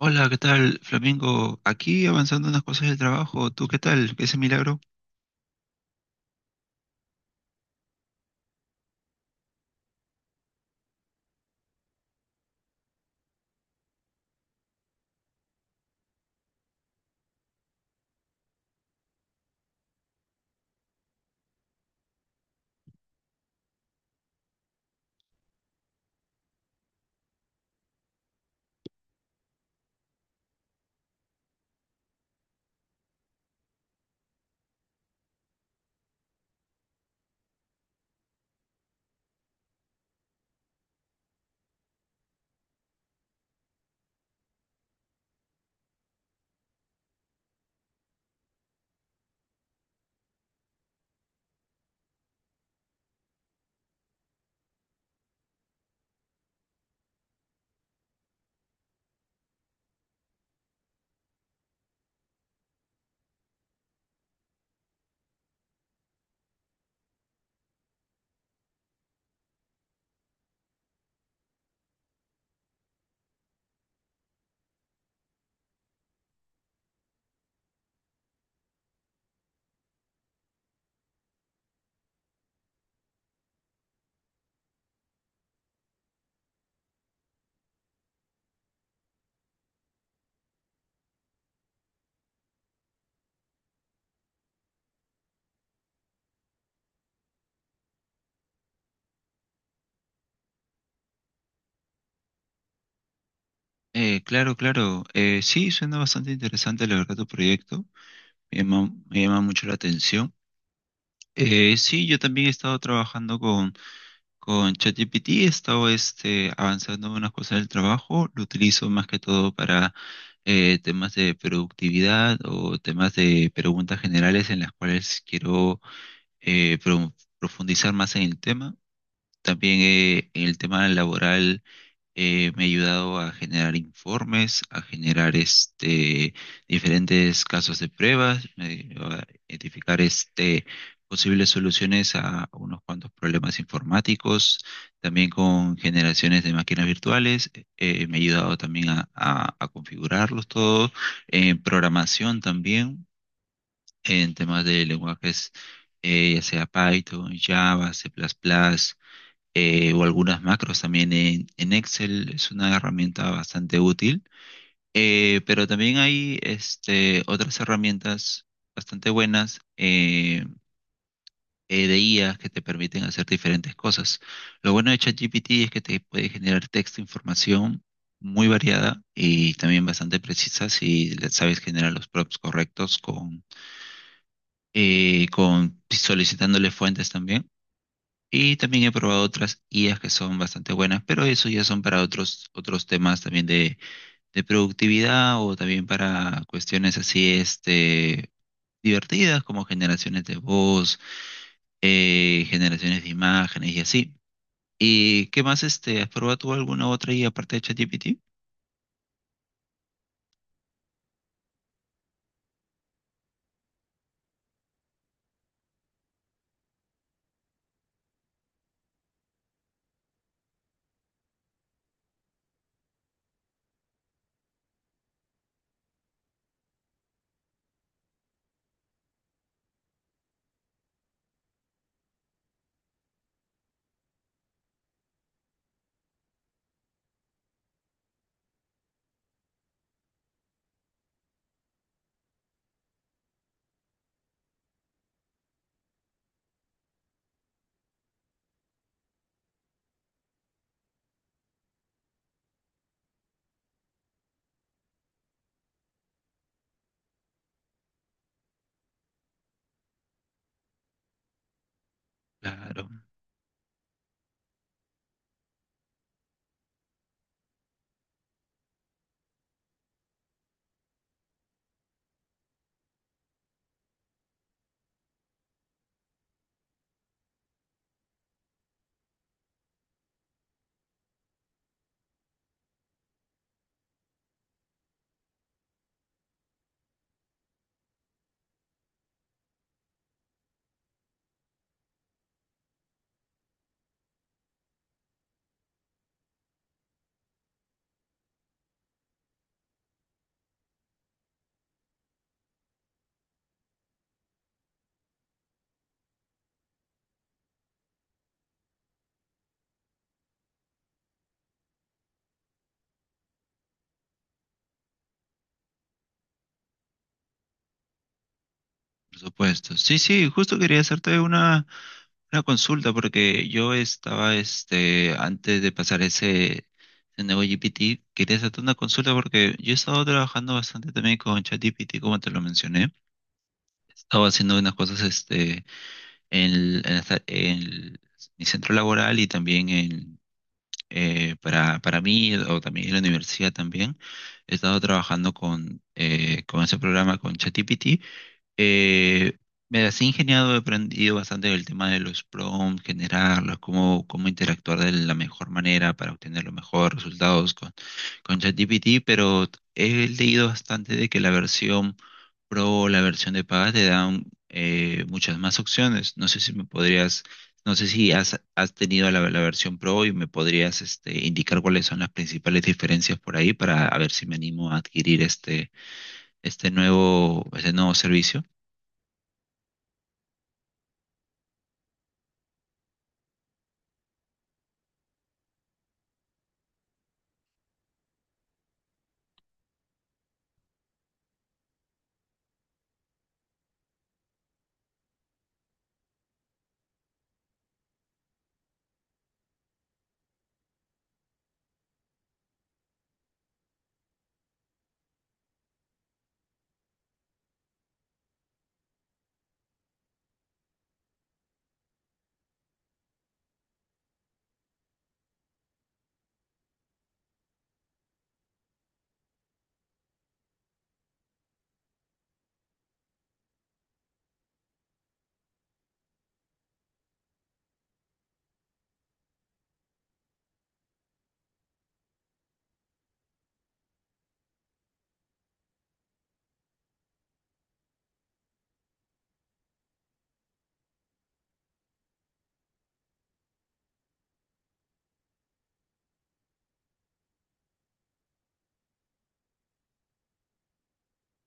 Hola, ¿qué tal, Flamingo? Aquí avanzando unas cosas del trabajo. ¿Tú qué tal? ¿Ese milagro? Claro, claro. Sí, suena bastante interesante, la verdad, tu proyecto. Me llama mucho la atención. Sí, yo también he estado trabajando con ChatGPT. He estado este, avanzando en unas cosas del trabajo. Lo utilizo más que todo para temas de productividad o temas de preguntas generales en las cuales quiero eh, pro- profundizar más en el tema. También el tema laboral me ha ayudado a generar informes, a generar este, diferentes casos de pruebas, me ayudó a identificar este, posibles soluciones a unos cuantos problemas informáticos, también con generaciones de máquinas virtuales, me ha ayudado también a configurarlos todos, en programación también, en temas de lenguajes, ya sea Python, Java, C++ o algunas macros también en Excel. Es una herramienta bastante útil. Pero también hay este, otras herramientas bastante buenas de IA que te permiten hacer diferentes cosas. Lo bueno de ChatGPT es que te puede generar texto, información muy variada y también bastante precisa si le sabes generar los prompts correctos con solicitándole fuentes también. Y también he probado otras IAs que son bastante buenas, pero eso ya son para otros temas también de productividad o también para cuestiones así, este, divertidas como generaciones de voz, generaciones de imágenes y así. ¿Y qué más, este, has probado tú alguna otra IA aparte de ChatGPT? Claro. Por supuesto. Sí, sí, justo quería hacerte una consulta porque yo estaba, este, antes de pasar ese nuevo GPT, quería hacerte una consulta porque yo he estado trabajando bastante también con ChatGPT, como te lo mencioné. Estaba haciendo unas cosas, este, en, el- en esta- en el- mi centro laboral y también para mí o también en la universidad también. He estado trabajando con ese programa, con ChatGPT. Eh, Me las he ingeniado, he aprendido bastante del tema de los prompts, generarlos, cómo interactuar de la mejor manera para obtener los mejores resultados con ChatGPT, pero he leído bastante de que la versión Pro o la versión de paga te dan muchas más opciones. No sé si me podrías, no sé si has, has tenido la versión Pro y me podrías este, indicar cuáles son las principales diferencias por ahí para a ver si me animo a adquirir este, este nuevo servicio.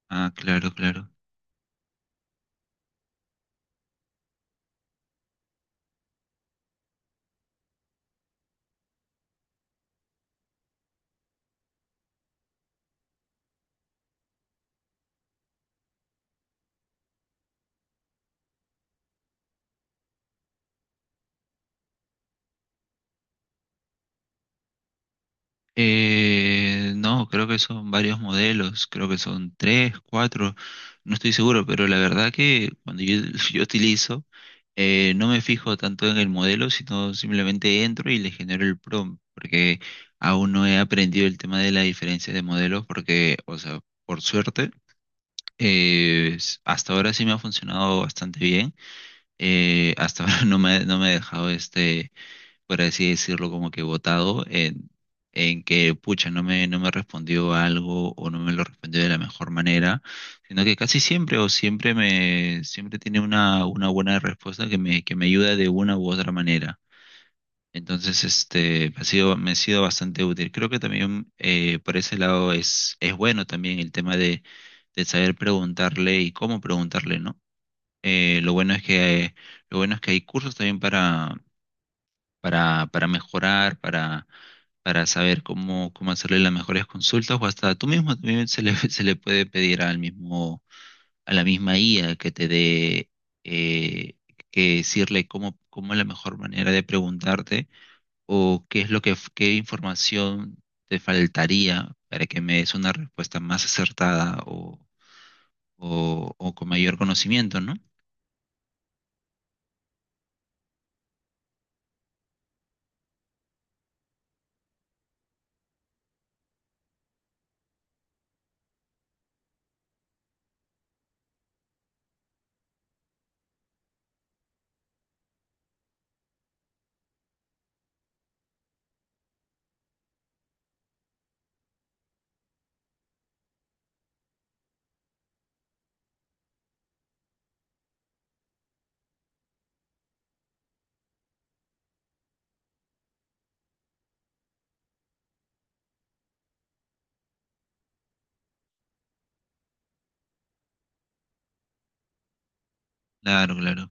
Ah, claro, claro. No, creo que son varios modelos, creo que son tres, cuatro, no estoy seguro, pero la verdad que cuando yo, yo utilizo, no me fijo tanto en el modelo, sino simplemente entro y le genero el prompt, porque aún no he aprendido el tema de la diferencia de modelos, porque, o sea, por suerte, hasta ahora sí me ha funcionado bastante bien, hasta ahora no me ha dejado este, por así decirlo, como que votado en que, pucha, no me respondió algo o no me lo respondió de la mejor manera, sino que casi siempre o siempre me, siempre tiene una buena respuesta que me ayuda de una u otra manera. Entonces, este, ha sido, me ha sido bastante útil. Creo que también por ese lado es bueno también el tema de saber preguntarle y cómo preguntarle, ¿no? Eh, lo bueno es que, lo bueno es que hay cursos también para mejorar, para saber cómo hacerle las mejores consultas o hasta tú mismo también se le, se le puede pedir al mismo, a la misma IA que te dé, eh, que decirle cómo es la mejor manera de preguntarte o qué es lo que, qué información te faltaría para que me des una respuesta más acertada o con mayor conocimiento, ¿no? Claro, claro.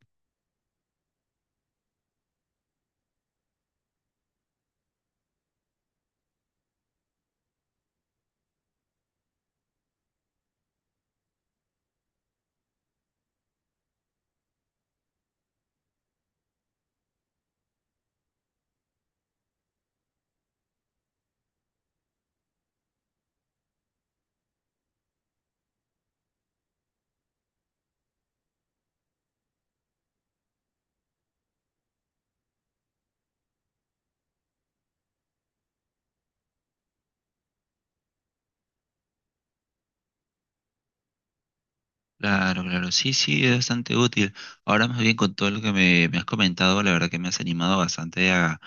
Claro, claro, sí, sí, es bastante útil. Ahora más bien con todo lo que me has comentado, la verdad que me has animado bastante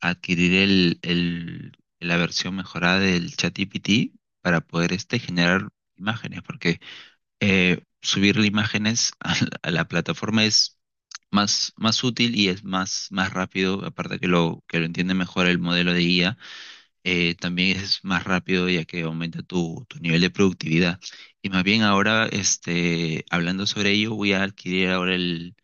a adquirir la versión mejorada del ChatGPT para poder este, generar imágenes, porque subirle imágenes a a la plataforma es más, más útil y es más, más rápido, aparte que lo entiende mejor el modelo de IA también es más rápido ya que aumenta tu, tu nivel de productividad. Y más bien ahora, este, hablando sobre ello, voy a adquirir ahora el,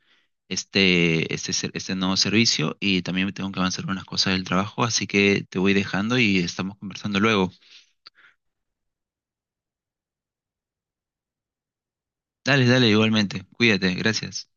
este, ser- este nuevo servicio y también tengo que avanzar unas cosas del trabajo, así que te voy dejando y estamos conversando luego. Dale, dale, igualmente. Cuídate, gracias.